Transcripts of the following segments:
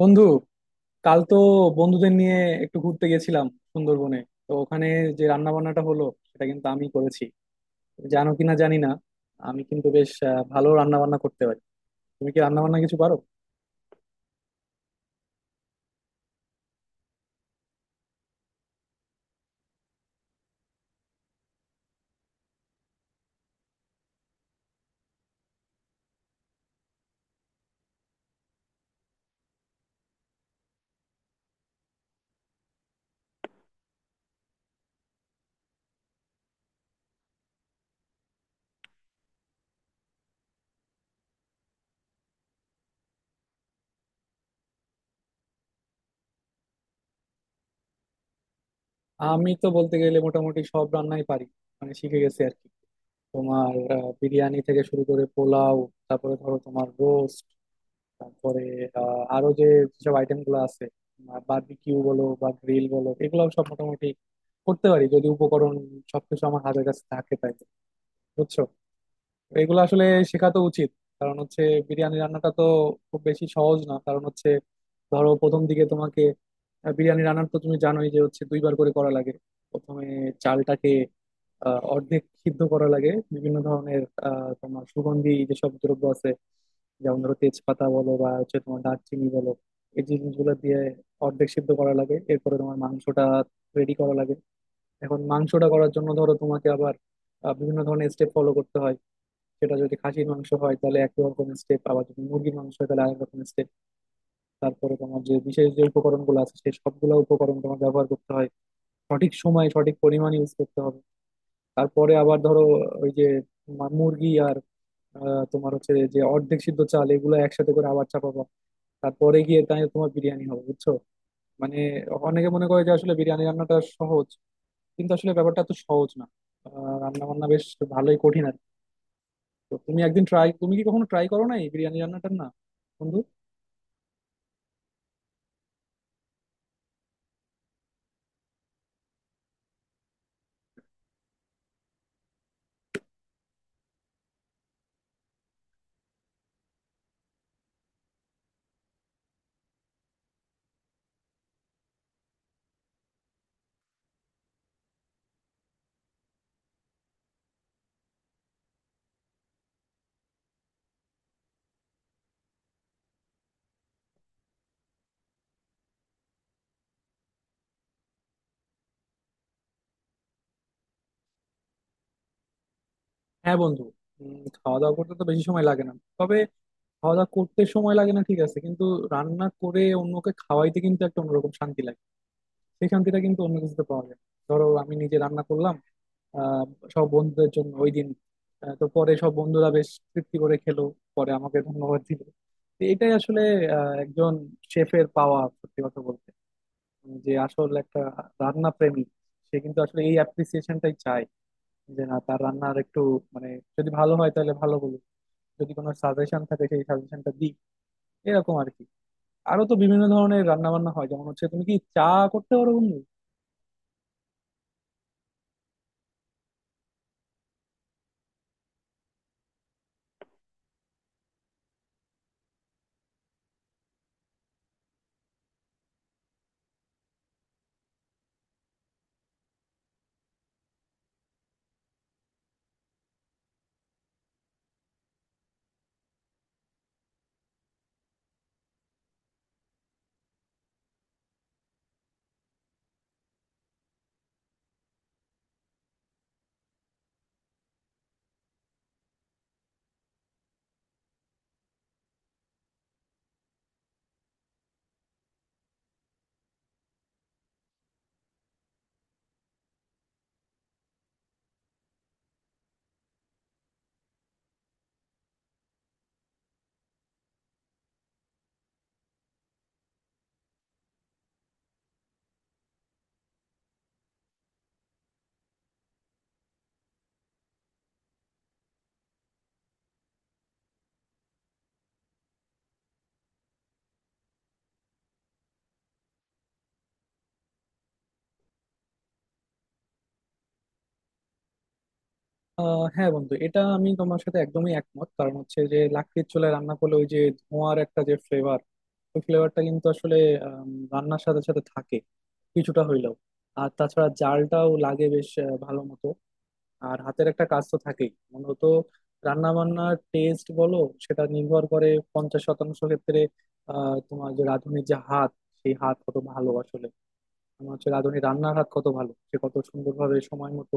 বন্ধু, কাল তো বন্ধুদের নিয়ে একটু ঘুরতে গেছিলাম সুন্দরবনে। তো ওখানে যে রান্না বান্নাটা হলো সেটা কিন্তু আমি করেছি। তুমি জানো কিনা জানি না, আমি কিন্তু বেশ ভালো রান্না বান্না করতে পারি। তুমি কি রান্না বান্না কিছু পারো? আমি তো বলতে গেলে মোটামুটি সব রান্নাই পারি, মানে শিখে গেছি আর কি। তোমার বিরিয়ানি থেকে শুরু করে পোলাও, তারপরে ধরো তোমার রোস্ট, তারপরে আরো যে যেসব আইটেম গুলো আছে, বারবিকিউ বলো বা গ্রিল বলো, এগুলো সব মোটামুটি করতে পারি যদি উপকরণ সবকিছু আমার হাতের কাছে থাকে তাই। বুঝছো? তো এগুলো আসলে শেখা তো উচিত। কারণ হচ্ছে বিরিয়ানি রান্নাটা তো খুব বেশি সহজ না। কারণ হচ্ছে ধরো প্রথম দিকে তোমাকে বিরিয়ানি রান্নার তো তুমি জানোই যে হচ্ছে দুইবার করে করা লাগে। প্রথমে চালটাকে অর্ধেক সিদ্ধ করা লাগে বিভিন্ন ধরনের তোমার সুগন্ধি যেসব দ্রব্য আছে, যেমন ধরো তেজপাতা বলো বা হচ্ছে তোমার দারচিনি বলো, এই জিনিসগুলো দিয়ে অর্ধেক সিদ্ধ করা লাগে। এরপরে তোমার মাংসটা রেডি করা লাগে। এখন মাংসটা করার জন্য ধরো তোমাকে আবার বিভিন্ন ধরনের স্টেপ ফলো করতে হয়। সেটা যদি খাসির মাংস হয় তাহলে এক রকম স্টেপ, আবার যদি মুরগির মাংস হয় তাহলে আরেক রকম স্টেপ। তারপরে তোমার যে বিশেষ যে উপকরণগুলো আছে সেই সবগুলো উপকরণ তোমার ব্যবহার করতে হয়, সঠিক সময়ে সঠিক পরিমাণ ইউজ করতে হবে। তারপরে আবার ধরো ওই যে মুরগি আর তোমার হচ্ছে যে অর্ধেক সিদ্ধ চাল এগুলো একসাথে করে আবার চাপাবা। তারপরে গিয়ে তাই তোমার বিরিয়ানি হবে। বুঝছো? মানে অনেকে মনে করে যে আসলে বিরিয়ানি রান্নাটা সহজ, কিন্তু আসলে ব্যাপারটা তো সহজ না। রান্না বান্না বেশ ভালোই কঠিন আর কি। তো তুমি একদিন ট্রাই, তুমি কি কখনো ট্রাই করো না এই বিরিয়ানি রান্নাটার, না বন্ধু? হ্যাঁ বন্ধু। খাওয়া দাওয়া করতে তো বেশি সময় লাগে না, তবে খাওয়া দাওয়া করতে সময় লাগে না ঠিক আছে, কিন্তু রান্না করে অন্যকে খাওয়াইতে কিন্তু একটা অন্যরকম শান্তি লাগে। সেই শান্তিটা কিন্তু অন্য কিছুতে পাওয়া যায় না। ধরো আমি নিজে রান্না করলাম আহ সব বন্ধুদের জন্য ওই দিন। তো পরে সব বন্ধুরা বেশ তৃপ্তি করে খেলো, পরে আমাকে ধন্যবাদ দিল। তো এটাই আসলে একজন শেফের পাওয়া সত্যি কথা বলতে, যে আসল একটা রান্না প্রেমী সে কিন্তু আসলে এই অ্যাপ্রিসিয়েশনটাই চায়। যে না, তার রান্নার একটু মানে যদি ভালো হয় তাহলে ভালো বলুক, যদি কোনো সাজেশন থাকে সেই সাজেশনটা দিই, এরকম আর কি। আরো তো বিভিন্ন ধরনের রান্না বান্না হয়, যেমন হচ্ছে তুমি কি চা করতে পারো বন্ধু? হ্যাঁ বন্ধু, এটা আমি তোমার সাথে একদমই একমত। কারণ হচ্ছে যে লাকড়ির চুলায় রান্না করলে ওই যে ধোঁয়ার একটা যে ফ্লেভার, ওই ফ্লেভারটা কিন্তু আসলে রান্নার সাথে সাথে থাকে কিছুটা হইলেও। আর তাছাড়া জালটাও লাগে বেশ ভালো মতো। আর হাতের একটা কাজ তো থাকেই মূলত। রান্না বান্নার টেস্ট বলো, সেটা নির্ভর করে 50% ক্ষেত্রে তোমার যে রাঁধুনির যে হাত, সেই হাত কত ভালো আসলে। আমার হচ্ছে রাঁধুনি রান্নাঘাত কত ভালো, সে কত সুন্দরভাবে সময় মতো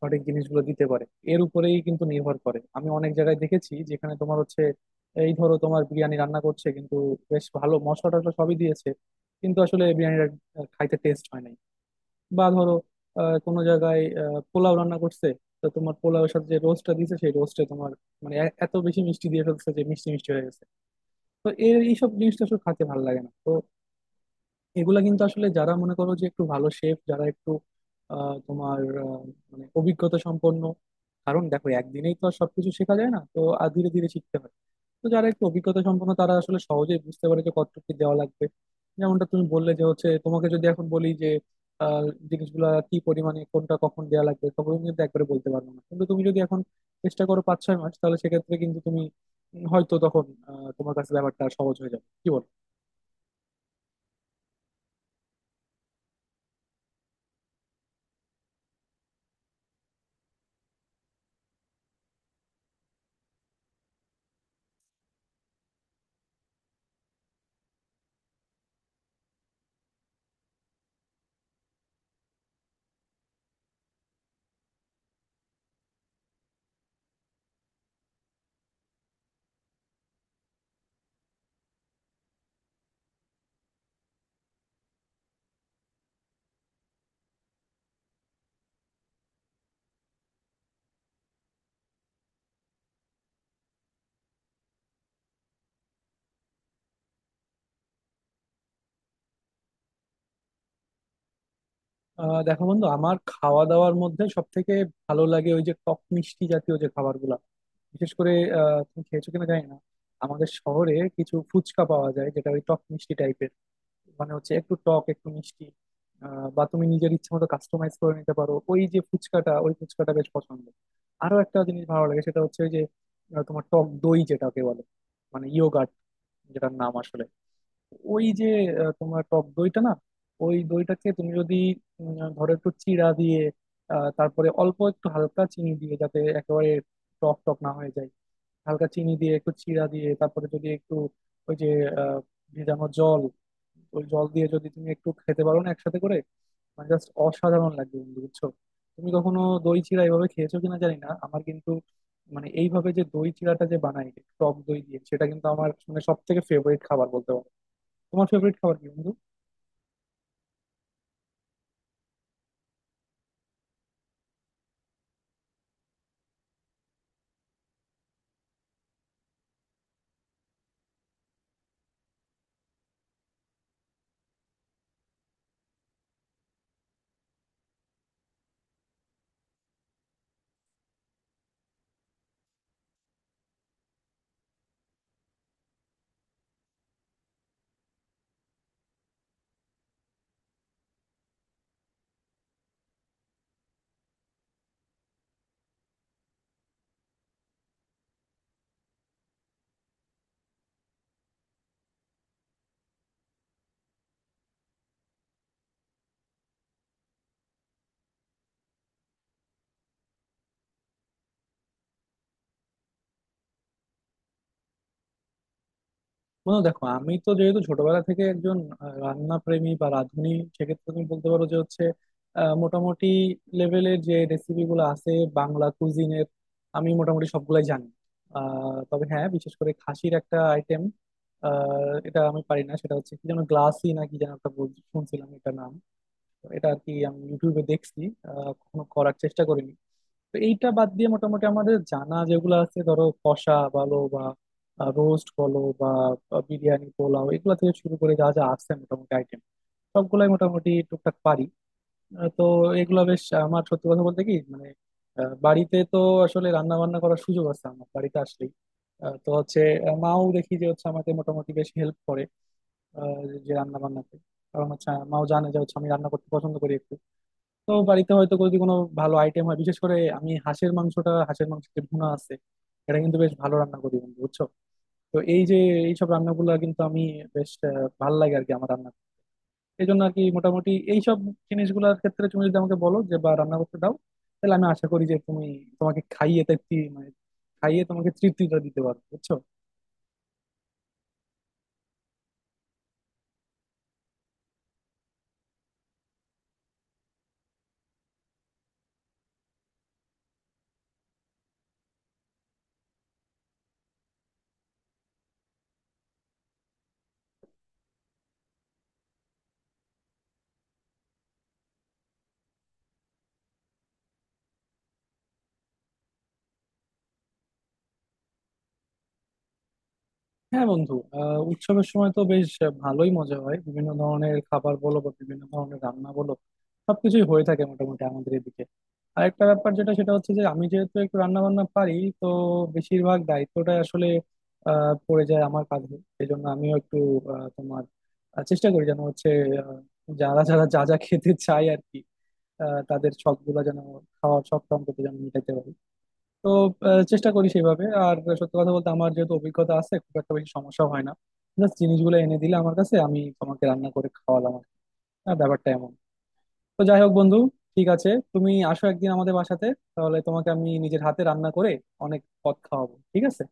সঠিক জিনিসগুলো দিতে পারে, এর উপরেই কিন্তু নির্ভর করে। আমি অনেক জায়গায় দেখেছি যেখানে তোমার হচ্ছে এই ধরো তোমার বিরিয়ানি রান্না করছে কিন্তু বেশ ভালো মশলা টশলা সবই দিয়েছে কিন্তু আসলে বিরিয়ানিটা খাইতে টেস্ট হয় নাই। বা ধরো কোনো জায়গায় পোলাও রান্না করছে, তো তোমার পোলাওয়ের সাথে যে রোস্টটা দিয়েছে সেই রোস্টে তোমার মানে এত বেশি মিষ্টি দিয়ে ফেলছে যে মিষ্টি মিষ্টি হয়ে গেছে। তো এই এইসব জিনিসটা আসলে খাইতে ভালো লাগে না। তো এগুলা কিন্তু আসলে যারা মনে করো যে একটু ভালো শেফ, যারা একটু তোমার আহ, মানে অভিজ্ঞতা সম্পন্ন। কারণ দেখো একদিনেই তো আর সবকিছু শেখা যায় না, তো আর ধীরে ধীরে শিখতে হয়। তো যারা একটু অভিজ্ঞতা সম্পন্ন তারা আসলে সহজেই বুঝতে পারে যে কতটুকু কি দেওয়া লাগবে। যেমনটা তুমি বললে যে হচ্ছে তোমাকে যদি এখন বলি যে আহ, জিনিসগুলা কি পরিমাণে কোনটা কখন দেওয়া লাগবে তখন তুমি কিন্তু একবারে বলতে পারবো না, কিন্তু তুমি যদি এখন চেষ্টা করো পাঁচ ছয় মাস, তাহলে সেক্ষেত্রে কিন্তু তুমি হয়তো তখন তোমার কাছে ব্যাপারটা সহজ হয়ে যাবে, কি বলো? দেখো বন্ধু, আমার খাওয়া দাওয়ার মধ্যে সব থেকে ভালো লাগে ওই যে টক মিষ্টি জাতীয় যে খাবারগুলো। বিশেষ করে তুমি খেয়েছো কিনা জানি না, আমাদের শহরে কিছু ফুচকা পাওয়া যায় যেটা ওই টক মিষ্টি টাইপের, মানে হচ্ছে একটু টক একটু মিষ্টি। বা তুমি নিজের ইচ্ছে মতো কাস্টমাইজ করে নিতে পারো ওই যে ফুচকাটা, ওই ফুচকাটা বেশ পছন্দ। আরো একটা জিনিস ভালো লাগে, সেটা হচ্ছে ওই যে তোমার টক দই যেটাকে বলে মানে ইয়োগার্ট, যেটার নাম আসলে ওই যে তোমার টক দইটা না, ওই দইটাকে তুমি যদি ধরো একটু চিড়া দিয়ে তারপরে অল্প একটু হালকা চিনি দিয়ে, যাতে একেবারে টক টক না হয়ে যায়, হালকা চিনি দিয়ে একটু চিড়া দিয়ে তারপরে যদি একটু ওই যে আহ, ভেজানো জল, ওই জল দিয়ে যদি তুমি একটু খেতে পারো না একসাথে করে, মানে জাস্ট অসাধারণ লাগবে বন্ধু। বুঝছো? তুমি কখনো দই চিড়া এইভাবে খেয়েছো কিনা জানি না, আমার কিন্তু মানে এইভাবে যে দই চিড়াটা যে বানাই টক দই দিয়ে সেটা কিন্তু আমার মানে সব থেকে ফেভারিট খাবার বলতে পারো। তোমার ফেভারিট খাবার কি বন্ধু? বন্ধু দেখো, আমি তো যেহেতু ছোটবেলা থেকে একজন রান্না প্রেমী বা রাঁধুনি, সেক্ষেত্রে তুমি বলতে পারো যে হচ্ছে মোটামুটি লেভেলের যে রেসিপি গুলো আছে বাংলা কুজিনের, আমি মোটামুটি সবগুলাই জানি। তবে হ্যাঁ, বিশেষ করে খাসির একটা আইটেম এটা আমি পারি না, সেটা হচ্ছে কি যেন গ্লাসি নাকি যেন একটা শুনছিলাম এটা নাম। তো এটা আর কি আমি ইউটিউবে দেখছি, কখনো করার চেষ্টা করিনি। তো এইটা বাদ দিয়ে মোটামুটি আমাদের জানা যেগুলো আছে ধরো কষা বলো বা রোস্ট বলো বা বিরিয়ানি পোলাও এগুলা থেকে শুরু করে যা যা আছে মোটামুটি আইটেম সবগুলাই মোটামুটি টুকটাক পারি। তো এগুলা বেশ আমার সত্যি কথা বলতে কি মানে বাড়িতে তো আসলে রান্না বান্না করার সুযোগ আছে আমার বাড়িতে আসলেই। তো হচ্ছে মাও দেখি যে হচ্ছে আমাকে মোটামুটি বেশ হেল্প করে আহ, যে রান্না বান্নাতে। কারণ হচ্ছে মাও জানে যে হচ্ছে আমি রান্না করতে পছন্দ করি একটু। তো বাড়িতে হয়তো যদি কোনো ভালো আইটেম হয় বিশেষ করে আমি হাঁসের মাংসটা, হাঁসের মাংসের যে ভুনা আছে এটা কিন্তু বেশ ভালো রান্না করি বন্ধু। বুঝছো? তো এই যে এইসব রান্নাগুলো কিন্তু আমি বেশ ভালো লাগে আর কি আমার রান্না। এই জন্য আর কি মোটামুটি এইসব জিনিসগুলোর ক্ষেত্রে তুমি যদি আমাকে বলো যে বা রান্না করতে দাও তাহলে আমি আশা করি যে তুমি তোমাকে খাইয়ে তৃপ্তি মানে খাইয়ে তোমাকে তৃপ্তিটা দিতে পারবো। বুঝছো? হ্যাঁ বন্ধু, উৎসবের সময় তো বেশ ভালোই মজা হয়, বিভিন্ন ধরনের খাবার বলো বা বিভিন্ন ধরনের রান্না বলো সবকিছুই হয়ে থাকে মোটামুটি আমাদের এদিকে। আর একটা ব্যাপার যেটা সেটা হচ্ছে যে আমি যেহেতু একটু রান্না বান্না পারি তো বেশিরভাগ দায়িত্বটা আসলে পড়ে যায় আমার কাঁধে সেই জন্য আমিও একটু তোমার চেষ্টা করি যেন হচ্ছে আহ, যারা যারা যা যা খেতে চায় আর কি, তাদের শখ গুলা যেন, খাওয়ার শখ অন্তত যেন মিটাতে পারি। তো চেষ্টা করি সেইভাবে। আর সত্যি কথা বলতে আমার যেহেতু অভিজ্ঞতা আছে খুব একটা বেশি সমস্যা হয় না, জাস্ট জিনিসগুলো এনে দিলে আমার কাছে আমি তোমাকে রান্না করে খাওয়ালাম আর কি। আর ব্যাপারটা এমন। তো যাই হোক বন্ধু, ঠিক আছে, তুমি আসো একদিন আমাদের বাসাতে, তাহলে তোমাকে আমি নিজের হাতে রান্না করে অনেক পদ খাওয়াবো, ঠিক আছে?